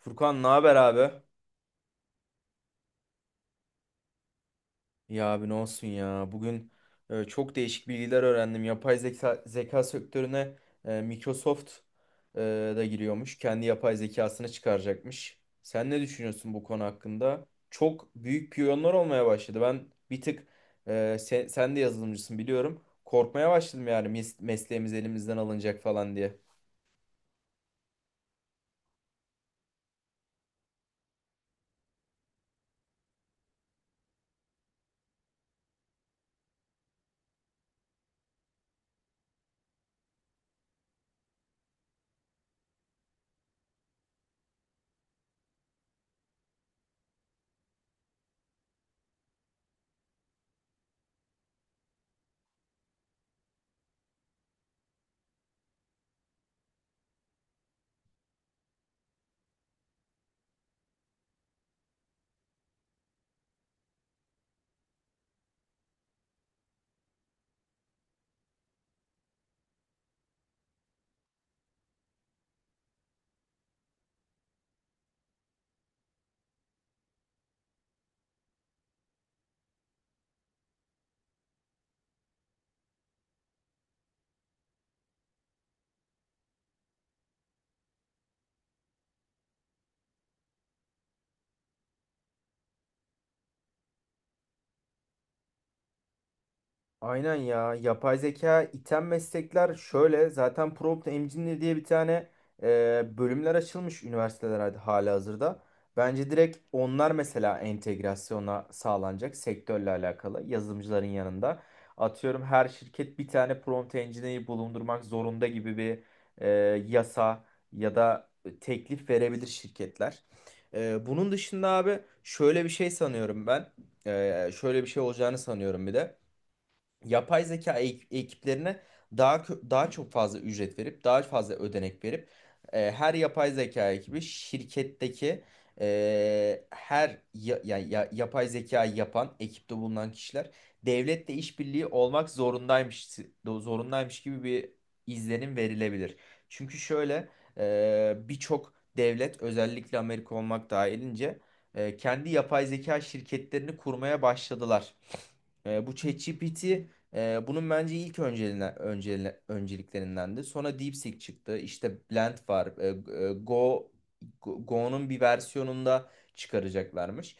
Furkan ne haber abi? Ya abi ne olsun ya. Bugün çok değişik bilgiler öğrendim. Yapay zeka, zeka sektörüne Microsoft e, da giriyormuş. Kendi yapay zekasını çıkaracakmış. Sen ne düşünüyorsun bu konu hakkında? Çok büyük piyonlar olmaya başladı. Ben bir tık sen de yazılımcısın biliyorum. Korkmaya başladım yani mesleğimiz elimizden alınacak falan diye. Aynen ya. Yapay zeka iten meslekler şöyle. Zaten prompt engineer diye bir tane bölümler açılmış üniversiteler hali hazırda. Bence direkt onlar mesela entegrasyona sağlanacak sektörle alakalı yazılımcıların yanında. Atıyorum her şirket bir tane prompt engineer'i bulundurmak zorunda gibi bir e, yasa ya da teklif verebilir şirketler. Bunun dışında abi şöyle bir şey sanıyorum ben. Şöyle bir şey olacağını sanıyorum bir de yapay zeka ekiplerine daha çok fazla ücret verip daha fazla ödenek verip her yapay zeka ekibi şirketteki her yapay zeka yapan ekipte bulunan kişiler devletle işbirliği olmak zorundaymış gibi bir izlenim verilebilir. Çünkü şöyle birçok devlet özellikle Amerika olmak dahilince kendi yapay zeka şirketlerini kurmaya başladılar. Bu ChatGPT bunun bence ilk önceliklerindendi. Sonra DeepSeek çıktı. İşte Blend var. E, Go, Go'nun bir versiyonunda çıkaracaklarmış.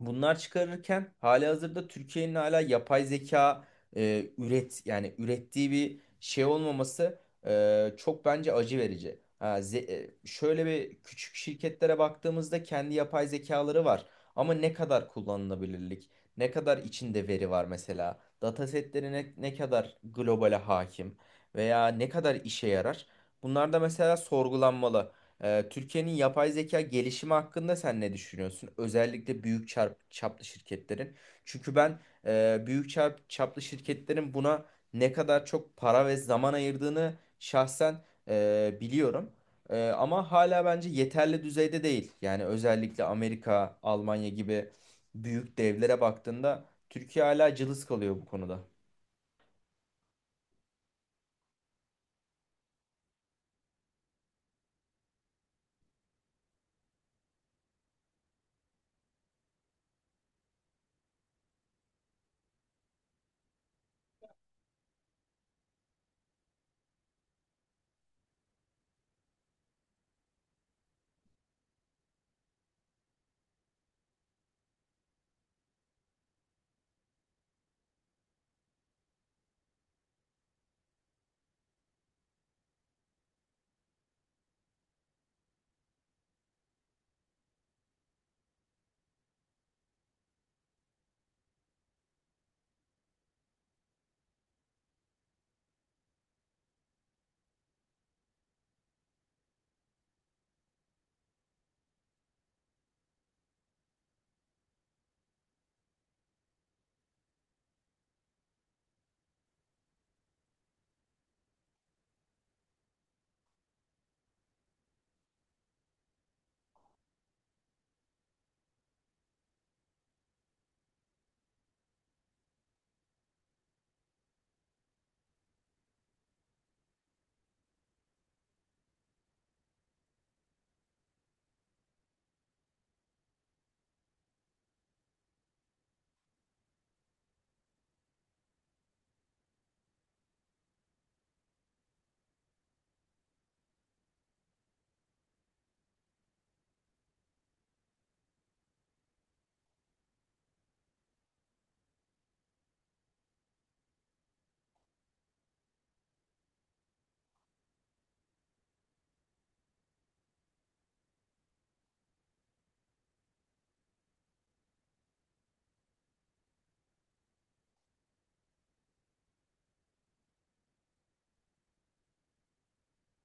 Bunlar çıkarırken halihazırda Türkiye'nin hala yapay zeka e, üret yani ürettiği bir şey olmaması çok bence acı verici. Şöyle bir küçük şirketlere baktığımızda kendi yapay zekaları var ama ne kadar kullanılabilirlik, ne kadar içinde veri var mesela, datasetleri ne kadar globale hakim veya ne kadar işe yarar? Bunlar da mesela sorgulanmalı. Türkiye'nin yapay zeka gelişimi hakkında sen ne düşünüyorsun? Özellikle büyük çaplı şirketlerin. Çünkü ben büyük çaplı şirketlerin buna ne kadar çok para ve zaman ayırdığını şahsen biliyorum. Ama hala bence yeterli düzeyde değil. Yani özellikle Amerika, Almanya gibi büyük devlere baktığında Türkiye hala cılız kalıyor bu konuda.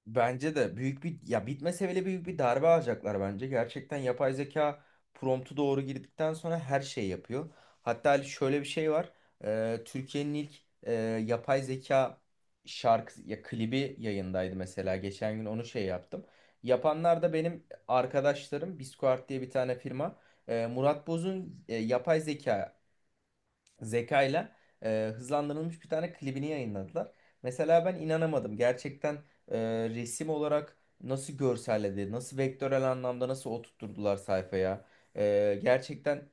Bence de büyük bir ya bitmese bile büyük bir darbe alacaklar bence. Gerçekten yapay zeka promptu doğru girdikten sonra her şeyi yapıyor. Hatta Ali şöyle bir şey var. Türkiye'nin ilk e, yapay zeka şarkı ya klibi yayındaydı mesela. Geçen gün onu şey yaptım. Yapanlar da benim arkadaşlarım. Bisquart diye bir tane firma. Murat Boz'un yapay zekayla hızlandırılmış bir tane klibini yayınladılar. Mesela ben inanamadım. Gerçekten e, resim olarak nasıl görselledi, nasıl vektörel anlamda nasıl oturtturdular sayfaya. Gerçekten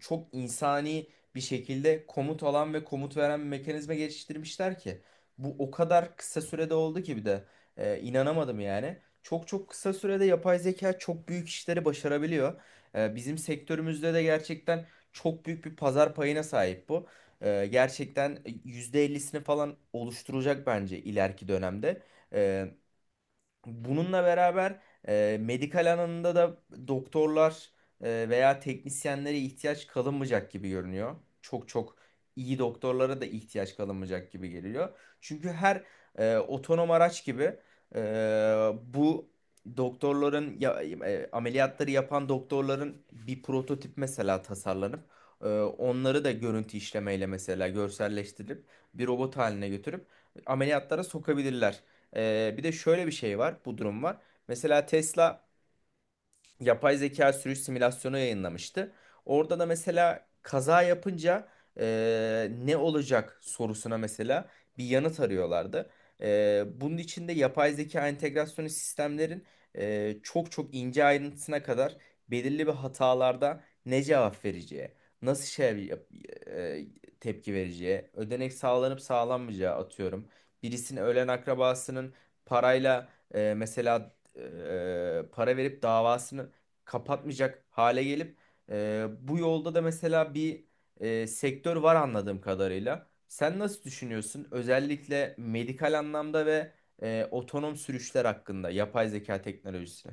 çok insani bir şekilde komut alan ve komut veren bir mekanizma geliştirmişler ki. Bu o kadar kısa sürede oldu ki bir de inanamadım yani. Çok çok kısa sürede yapay zeka çok büyük işleri başarabiliyor. Bizim sektörümüzde de gerçekten çok büyük bir pazar payına sahip bu. Gerçekten %50'sini falan oluşturacak bence ileriki dönemde. Ee, Bununla beraber medikal alanında da doktorlar veya teknisyenlere ihtiyaç kalınmayacak gibi görünüyor. Çok çok iyi doktorlara da ihtiyaç kalınmayacak gibi geliyor. Çünkü her otonom araç gibi e, bu ameliyatları yapan doktorların bir prototip mesela tasarlanıp onları da görüntü işlemeyle mesela görselleştirip bir robot haline götürüp ameliyatlara sokabilirler. Bir de şöyle bir şey var, bu durum var. Mesela Tesla yapay zeka sürüş simülasyonu yayınlamıştı. Orada da mesela kaza yapınca ne olacak sorusuna mesela bir yanıt arıyorlardı. Bunun içinde yapay zeka entegrasyonu sistemlerin çok çok ince ayrıntısına kadar belirli bir hatalarda ne cevap vereceği, nasıl şey yap- eee, tepki vereceği, ödenek sağlanıp sağlanmayacağı atıyorum. Birisinin ölen akrabasının parayla mesela para verip davasını kapatmayacak hale gelip bu yolda da mesela bir sektör var anladığım kadarıyla. Sen nasıl düşünüyorsun? Özellikle medikal anlamda ve otonom sürüşler hakkında yapay zeka teknolojisine.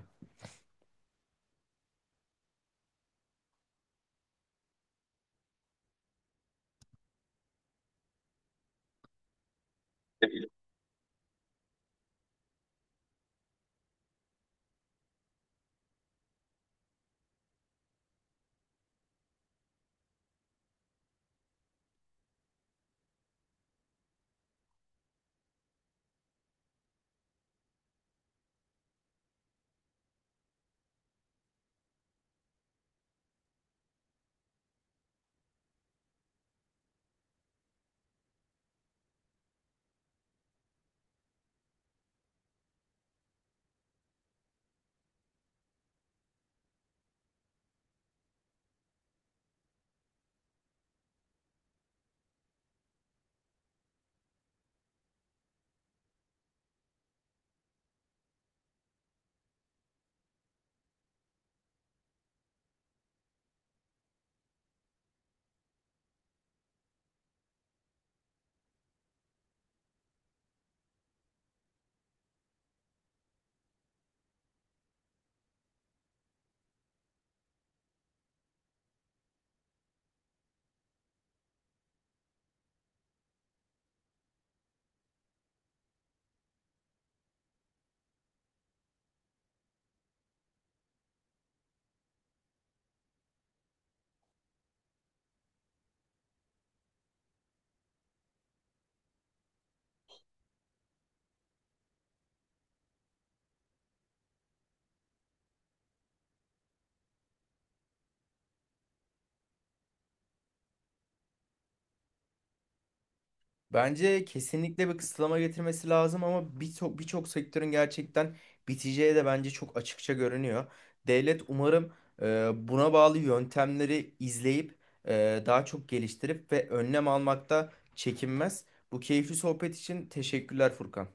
Bence kesinlikle bir kısıtlama getirmesi lazım ama birçok birçok sektörün gerçekten biteceği de bence çok açıkça görünüyor. Devlet umarım buna bağlı yöntemleri izleyip daha çok geliştirip ve önlem almakta çekinmez. Bu keyifli sohbet için teşekkürler Furkan.